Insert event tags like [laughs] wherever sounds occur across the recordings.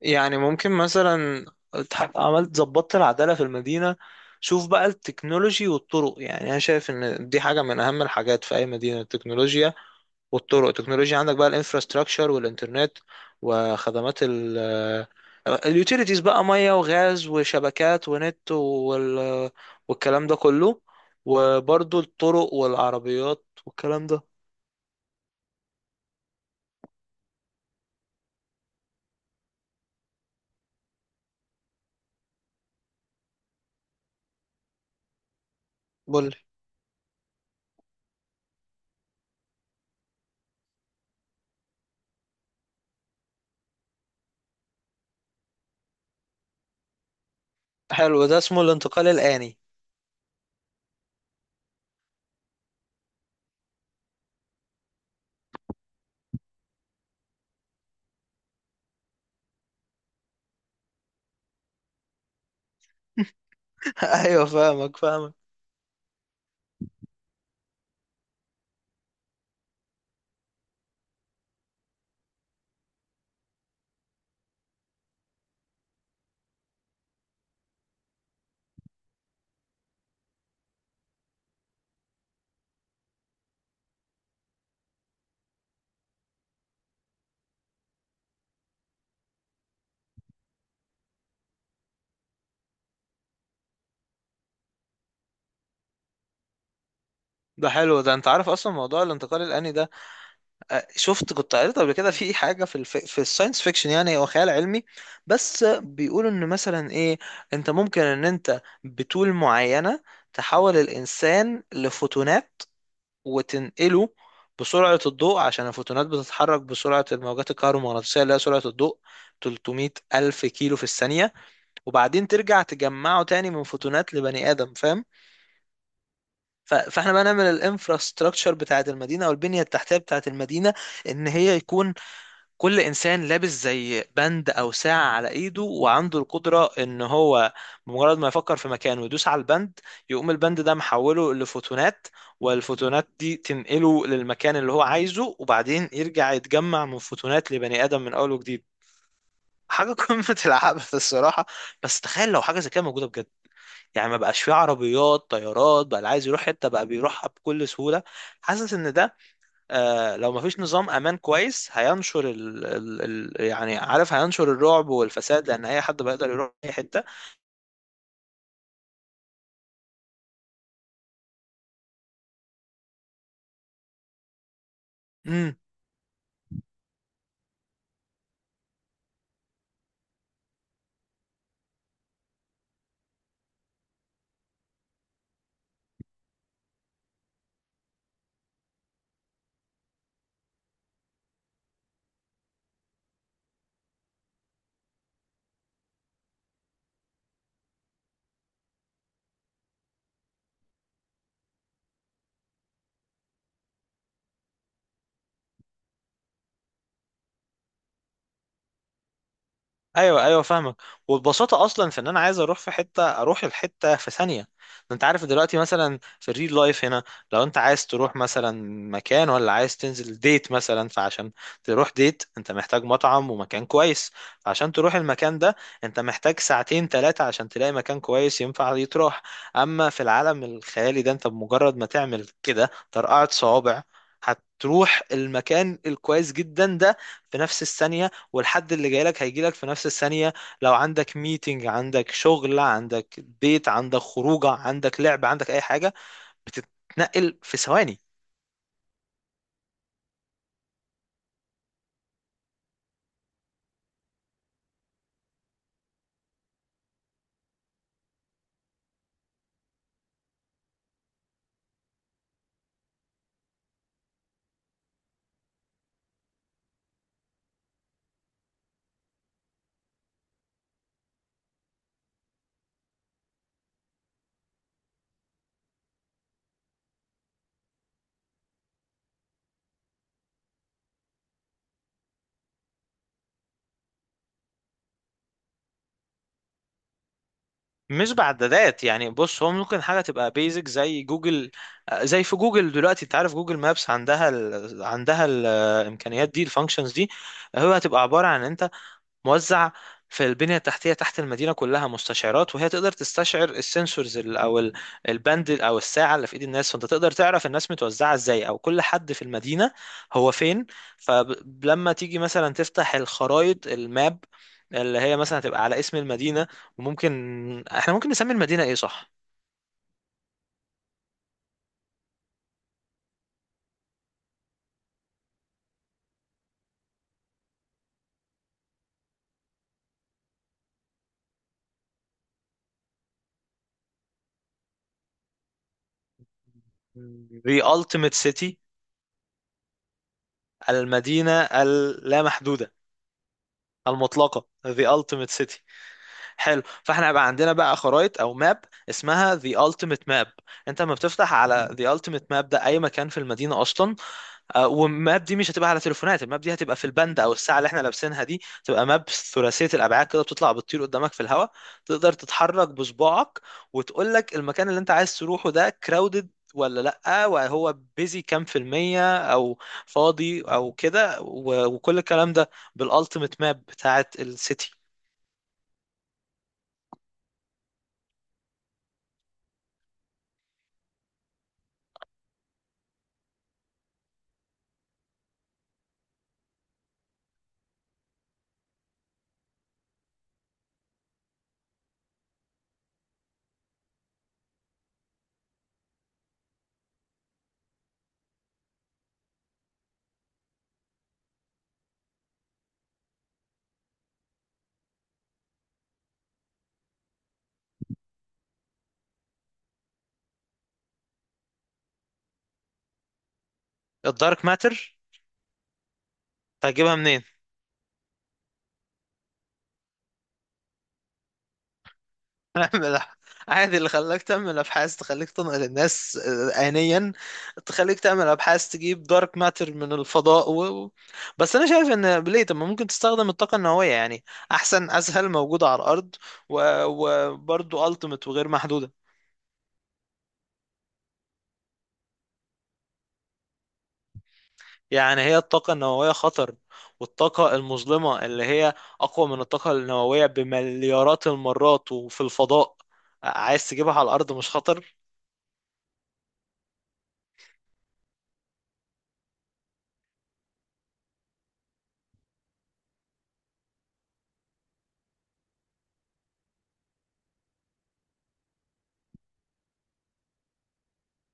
يعني ممكن مثلا عملت ظبطت العدالة في المدينة. شوف بقى التكنولوجي والطرق، يعني انا شايف ان دي حاجة من اهم الحاجات في اي مدينة، التكنولوجيا. والطرق، التكنولوجيا عندك بقى الانفراستراكشر والانترنت، وخدمات اليوتيليتيز بقى، مية وغاز وشبكات ونت والكلام ده كله. وبرضو الطرق والعربيات والكلام ده. قولي. حلو، ده اسمه الانتقال الآني. [laughs] ايوه، فاهمك فاهمك. ده حلو، ده انت عارف اصلا موضوع الانتقال الآني ده. شفت، كنت قريت قبل كده في حاجة في الساينس فيكشن، يعني هو خيال علمي. بس بيقولوا ان مثلا ايه، انت ممكن ان انت بطول معينة تحول الانسان لفوتونات، وتنقله بسرعة الضوء، عشان الفوتونات بتتحرك بسرعة الموجات الكهرومغناطيسية اللي هي سرعة الضوء، 300 ألف كيلو في الثانية. وبعدين ترجع تجمعه تاني من فوتونات لبني آدم، فاهم؟ فاحنا بقى نعمل الانفراستراكشر بتاعت المدينه او البنيه التحتيه بتاعت المدينه، ان هي يكون كل انسان لابس زي بند او ساعه على ايده، وعنده القدره ان هو بمجرد ما يفكر في مكان ويدوس على البند، يقوم البند ده محوله لفوتونات، والفوتونات دي تنقله للمكان اللي هو عايزه، وبعدين يرجع يتجمع من فوتونات لبني ادم من اول وجديد. حاجه قمه [laughs] العبث الصراحه. بس تخيل لو حاجه زي كده موجوده بجد، يعني ما بقاش فيه عربيات طيارات بقى، اللي عايز يروح حته بقى بيروحها بكل سهوله. حاسس ان ده آه، لو ما فيش نظام امان كويس، هينشر ال ال ال يعني عارف، هينشر الرعب والفساد، لان اي حد بقى يقدر يروح اي حته. امم. ايوه ايوه، فاهمك. والبساطه اصلا في ان انا عايز اروح في حته اروح الحته في ثانيه. ده انت عارف دلوقتي مثلا في الريل لايف هنا، لو انت عايز تروح مثلا مكان، ولا عايز تنزل ديت مثلا، فعشان تروح ديت انت محتاج مطعم ومكان كويس. فعشان تروح المكان ده انت محتاج ساعتين ثلاثه عشان تلاقي مكان كويس ينفع يتروح. اما في العالم الخيالي ده، انت بمجرد ما تعمل كده ترقعة صوابع، هتروح المكان الكويس جدا ده في نفس الثانية. والحد اللي جاي لك هيجي لك في نفس الثانية. لو عندك ميتنج، عندك شغل، عندك بيت، عندك خروجة، عندك لعب، عندك أي حاجة، بتتنقل في ثواني. مش بعدادات، يعني بص، هو ممكن حاجة تبقى بيزك زي جوجل. زي في جوجل دلوقتي، انت عارف جوجل مابس عندها عندها الامكانيات دي، الفانكشنز دي. هو هتبقى عبارة عن انت موزع في البنية التحتية تحت المدينة كلها مستشعرات، وهي تقدر تستشعر السنسورز، الباند او الساعة اللي في ايد الناس، فانت تقدر تعرف الناس متوزعة ازاي، او كل حد في المدينة هو فين. فلما تيجي مثلا تفتح الخرائط، الماب اللي هي مثلا هتبقى على اسم المدينة. وممكن احنا ممكن نسمي المدينة ايه، صح؟ The Ultimate City، المدينة اللامحدودة المطلقة، The Ultimate City. حلو، فاحنا هيبقى عندنا بقى خرائط او ماب اسمها The Ultimate Map. انت لما بتفتح على The Ultimate Map ده، اي مكان في المدينه اصلا. والماب دي مش هتبقى على تليفونات، الماب دي هتبقى في البند او الساعه اللي احنا لابسينها دي، تبقى ماب ثلاثيه الابعاد كده، بتطلع بتطير قدامك في الهواء. تقدر تتحرك بصباعك، وتقول لك المكان اللي انت عايز تروحه ده crowded ولا لأ، وهو بيزي كام في المية، أو فاضي أو كده، وكل الكلام ده بالألتيميت ماب بتاعت السيتي. الدارك ماتر. هتجيبها منين؟ [laughs] اعمل. عادي، اللي خلاك تعمل ابحاث تخليك تنقل الناس آنيا، تخليك تعمل ابحاث تجيب دارك ماتر من الفضاء بس انا شايف ان ليه، طب ما ممكن تستخدم الطاقة النووية يعني، احسن، اسهل، موجودة على الارض وبرضه التيمت وغير محدودة. يعني هي الطاقة النووية خطر، والطاقة المظلمة اللي هي اقوى من الطاقة النووية بمليارات المرات وفي الفضاء، عايز تجيبها على الارض مش خطر؟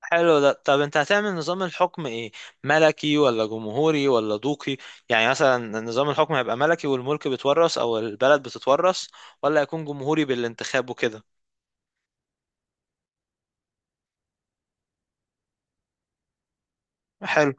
حلو ده. طب انت هتعمل نظام الحكم ايه، ملكي ولا جمهوري ولا دوقي؟ يعني مثلا نظام الحكم هيبقى ملكي والملك بيتورث او البلد بتتورث، ولا هيكون جمهوري بالانتخاب وكده؟ حلو،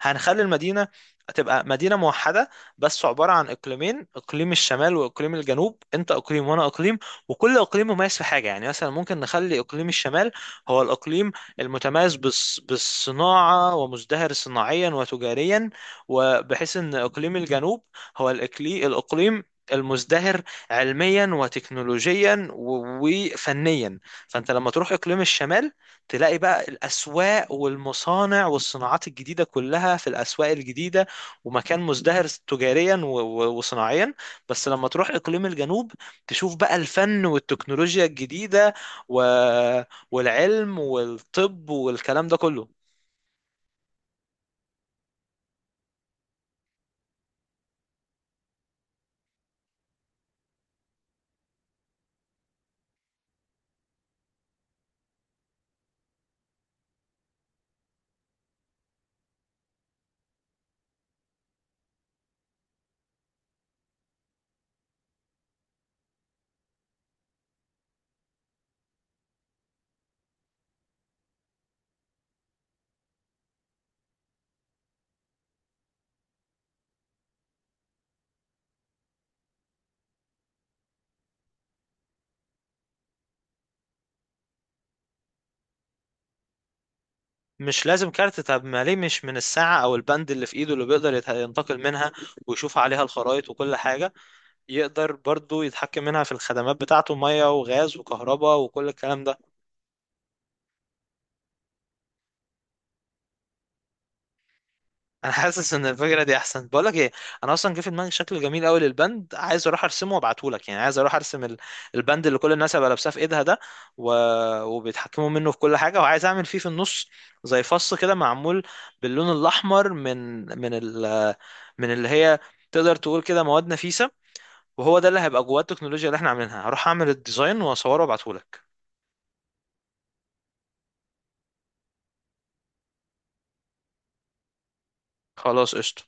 هنخلي المدينة تبقى مدينة موحدة بس عبارة عن إقليمين، إقليم الشمال وإقليم الجنوب، أنت إقليم وأنا إقليم. وكل إقليم مميز في حاجة، يعني مثلا ممكن نخلي إقليم الشمال هو الإقليم المتميز بالصناعة، ومزدهر صناعيا وتجاريا. وبحيث أن إقليم الجنوب هو الإقليم المزدهر علميا وتكنولوجيا و- وفنيا. فانت لما تروح اقليم الشمال، تلاقي بقى الأسواق والمصانع والصناعات الجديدة كلها في الأسواق الجديدة، ومكان مزدهر تجاريا وصناعيا. بس لما تروح إقليم الجنوب، تشوف بقى الفن والتكنولوجيا الجديدة و... والعلم والطب والكلام ده كله. مش لازم كارت، طب ما ليه مش من الساعة أو البند اللي في إيده، اللي بيقدر ينتقل منها ويشوف عليها الخرائط وكل حاجة، يقدر برضو يتحكم منها في الخدمات بتاعته، مية وغاز وكهرباء وكل الكلام ده. انا حاسس ان الفكره دي احسن. بقول لك ايه، انا اصلا جه في دماغي شكل جميل قوي للبند، عايز اروح ارسمه وابعته لك. يعني عايز اروح ارسم البند اللي كل الناس هيبقى لابساه في ايدها ده و... وبيتحكموا منه في كل حاجه. وعايز اعمل فيه في النص زي فص كده، معمول باللون الاحمر، من اللي هي تقدر تقول كده مواد نفيسه. وهو ده اللي هيبقى جواه التكنولوجيا اللي احنا عاملينها. هروح اعمل الديزاين واصوره وابعته لك. خلاص، قشطه.